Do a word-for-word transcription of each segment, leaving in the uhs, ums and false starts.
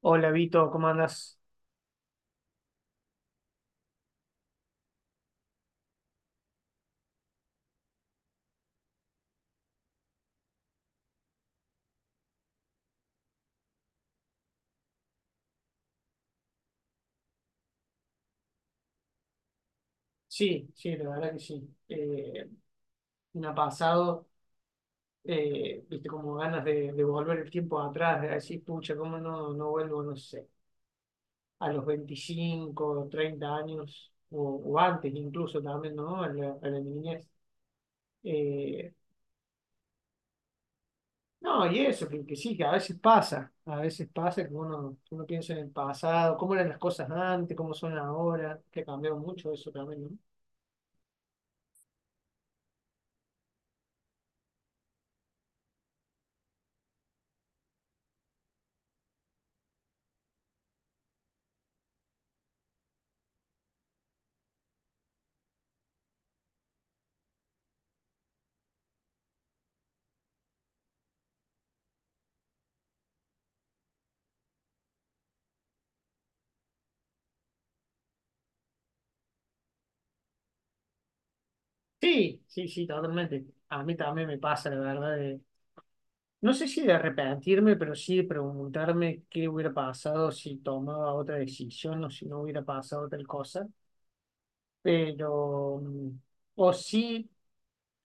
Hola Vito, ¿cómo andas? Sí, sí, la verdad que sí. Eh, me ha pasado, eh, viste, como ganas de, de volver el tiempo atrás, de decir, pucha, ¿cómo no, no vuelvo, no sé, a los veinticinco treinta años, o, o antes incluso también, ¿no? A la, a la niñez. Eh, no, y eso, que, que sí, que a veces pasa, a veces pasa que uno, que uno piensa en el pasado, cómo eran las cosas antes, cómo son ahora, que ha cambiado mucho eso también, ¿no? Sí, sí, sí, totalmente. A mí también me pasa, la verdad, de, no sé si de arrepentirme, pero sí de preguntarme qué hubiera pasado si tomaba otra decisión o si no hubiera pasado tal cosa. Pero, mm, o sí,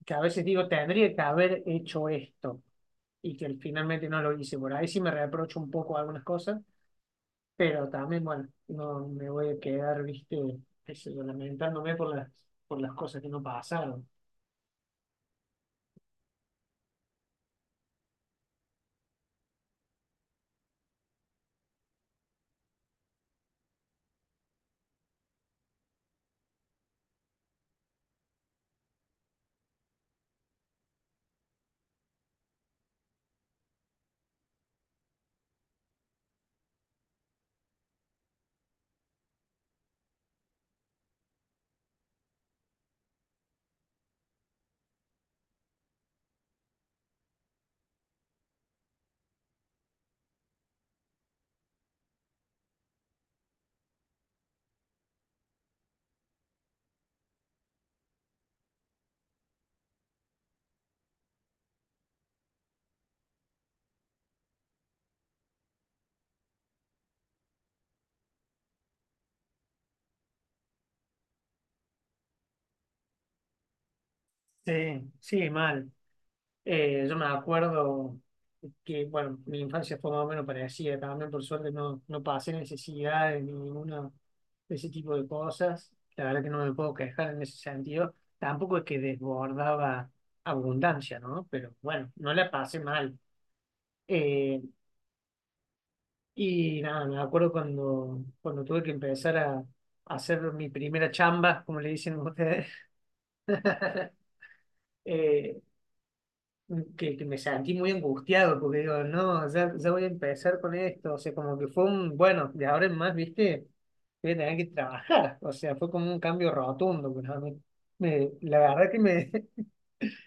que a veces digo, tendría que haber hecho esto y que finalmente no lo hice. Por ahí sí me reprocho un poco algunas cosas, pero también, bueno, no me voy a quedar, viste, qué sé yo, lamentándome por las, por las cosas que no pasaron. Sí, sí, mal. Eh, yo me acuerdo que, bueno, mi infancia fue más o menos parecida también, por suerte no, no pasé necesidades ni ninguna de ese tipo de cosas. La verdad que no me puedo quejar en ese sentido. Tampoco es que desbordaba abundancia, ¿no? Pero bueno, no la pasé mal. Eh, y nada, me acuerdo cuando, cuando tuve que empezar a, a hacer mi primera chamba, como le dicen ustedes. Eh, que, que me sentí muy angustiado porque digo, no, ya, ya voy a empezar con esto, o sea, como que fue un, bueno, de ahora en más, viste, voy a tener que trabajar, o sea, fue como un cambio rotundo, pero me- me- la verdad que me,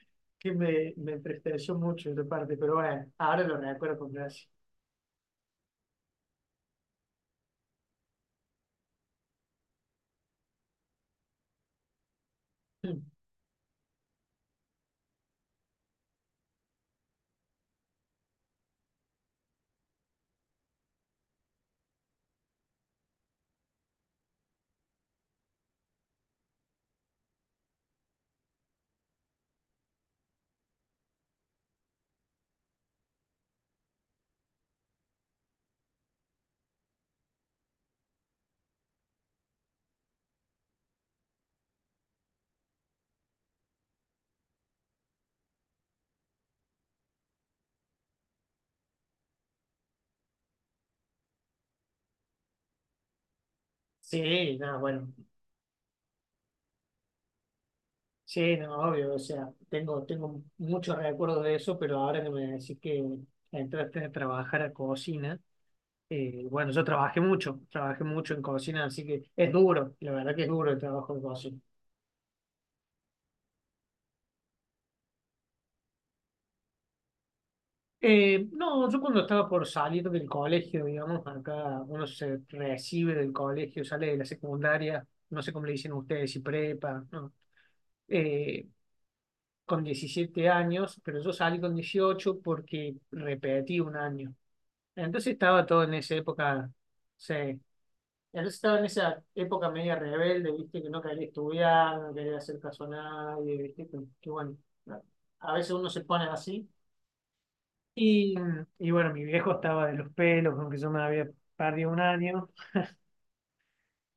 que me, me entristeció mucho esa parte, pero bueno, ahora lo recuerdo con gracia. Sí, no, bueno, sí, no, obvio, o sea, tengo, tengo muchos recuerdos de eso, pero ahora que me decís que entraste a trabajar a cocina. Eh, bueno, yo trabajé mucho, trabajé mucho en cocina, así que es duro, la verdad que es duro el trabajo de cocina. Eh, no, yo cuando estaba por salir del colegio, digamos, acá uno se recibe del colegio, sale de la secundaria, no sé cómo le dicen ustedes, si prepa, ¿no? Eh, con diecisiete años, pero yo salí con dieciocho porque repetí un año. Entonces estaba todo en esa época, sí, entonces estaba en esa época media rebelde, viste, que no quería estudiar, no quería hacer caso a nadie, viste, que, que bueno, a veces uno se pone así. Y, y bueno, mi viejo estaba de los pelos, aunque yo me había perdido un año.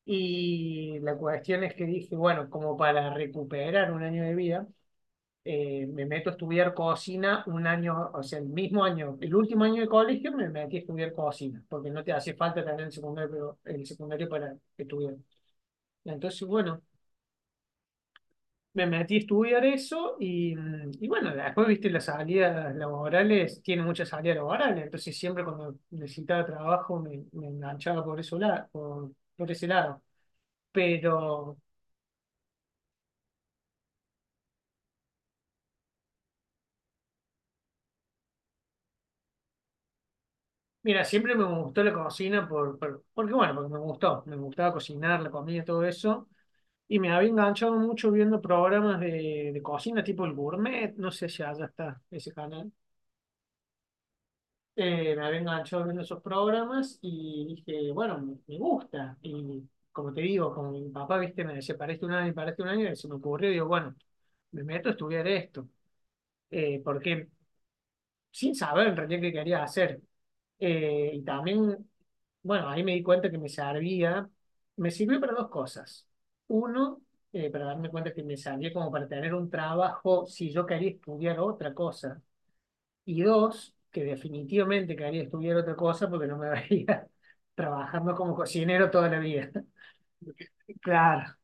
Y la cuestión es que dije, bueno, como para recuperar un año de vida, eh, me meto a estudiar cocina un año, o sea, el mismo año, el último año de colegio me metí a estudiar cocina, porque no te hace falta tener el secundario, el secundario para estudiar. Entonces, bueno, me metí a estudiar eso y, mm, y bueno, después, viste, las salidas laborales, tiene muchas salidas laborales, entonces siempre cuando necesitaba trabajo me, me enganchaba por eso la- por, por ese lado. Pero, mira, siempre me gustó la cocina por, por- porque, bueno, porque me gustó, me gustaba cocinar, la comida, todo eso. Y me había enganchado mucho viendo programas de, de cocina, tipo el Gourmet, no sé si allá está ese canal. eh, me había enganchado viendo esos programas y dije, bueno, me, me gusta. Y como te digo, como mi papá, viste, me decía, para este un año, para este un año, y se me ocurrió, digo, bueno, me meto a estudiar esto, eh, porque sin saber en realidad qué quería hacer. Eh, y también, bueno, ahí me di cuenta que me servía, me sirvió para dos cosas. Uno, eh, para darme cuenta que me servía como para tener un trabajo si yo quería estudiar otra cosa y dos, que definitivamente quería estudiar otra cosa porque no me veía trabajando como cocinero toda la vida. Claro,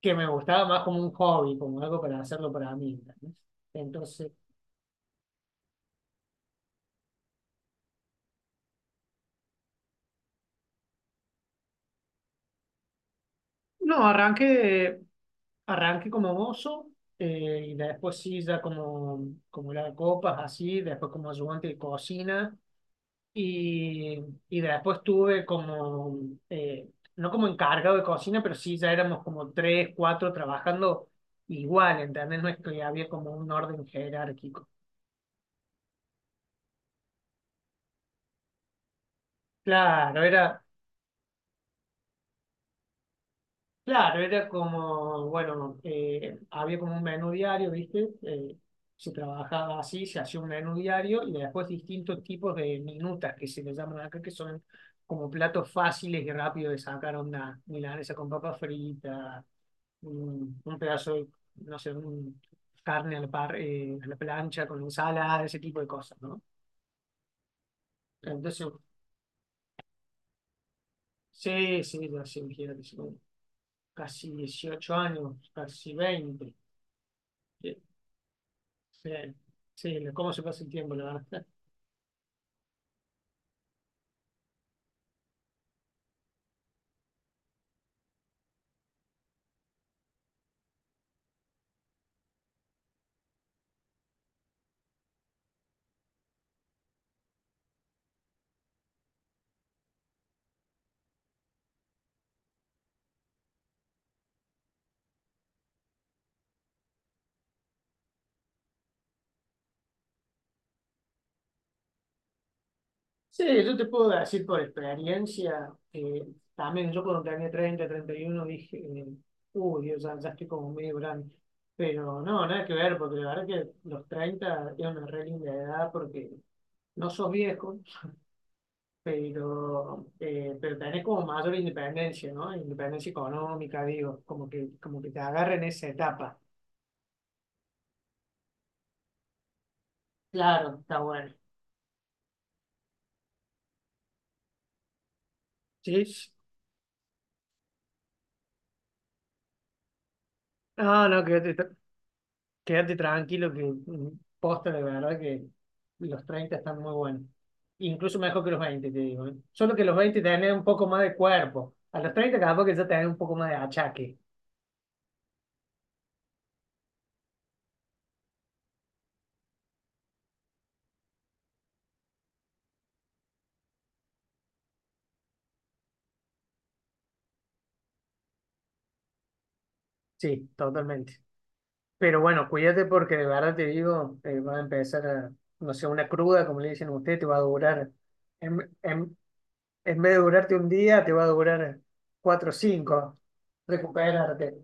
que me gustaba más como un hobby, como algo para hacerlo para mí. ¿Entendés? Entonces, no, arranqué, arranqué como mozo eh, y después sí, ya como, como la copas, así, después como ayudante de cocina. Y, y después tuve como, eh, no como encargado de cocina, pero sí ya éramos como tres, cuatro trabajando igual, ¿entendés? No es que había como un orden jerárquico. Claro, era, claro, era como, bueno, eh, había como un menú diario, ¿viste? Eh, se trabajaba así, se hacía un menú diario y después distintos tipos de minutas que se les llaman acá, que son como platos fáciles y rápidos de sacar onda, milanesa con papa frita un, un pedazo de, no sé, un carne a la, par- eh, a la plancha con ensalada, ese tipo de cosas, ¿no? Entonces, sí, sí, yo sí, imagínate, son casi dieciocho años, casi veinte. Sí, sí, sí, cómo se pasa el tiempo, la verdad. Sí, yo te puedo decir por experiencia, eh, también yo cuando tenía treinta treinta y uno dije, eh, uy, Dios, ya, ya estoy como medio grande. Pero no, nada que ver, porque la verdad que los treinta es una re linda edad porque no sos viejo, pero, eh, pero tenés como mayor independencia, ¿no? Independencia económica, digo, como que, como que te agarren esa etapa. Claro, está bueno. Sí. Ah, no, que quédate tranquilo que mm, posta de verdad que los treinta están muy buenos. Incluso mejor que los veinte te digo. ¿Eh? Solo que los veinte tenés un poco más de cuerpo. A los treinta capaz que ya tenés un poco más de achaque. Sí, totalmente. Pero bueno, cuídate porque de verdad te digo, eh, va a empezar a, no sé, una cruda, como le dicen a usted, te va a durar. En, en- en vez de durarte un día, te va a durar cuatro o cinco. Recuperarte.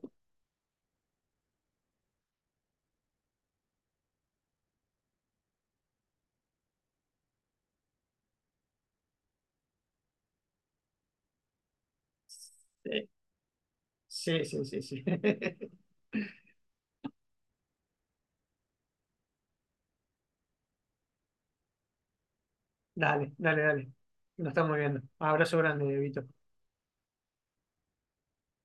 Sí, sí, sí, sí. Sí. Dale, dale, dale. Nos estamos viendo. Abrazo grande, Vito.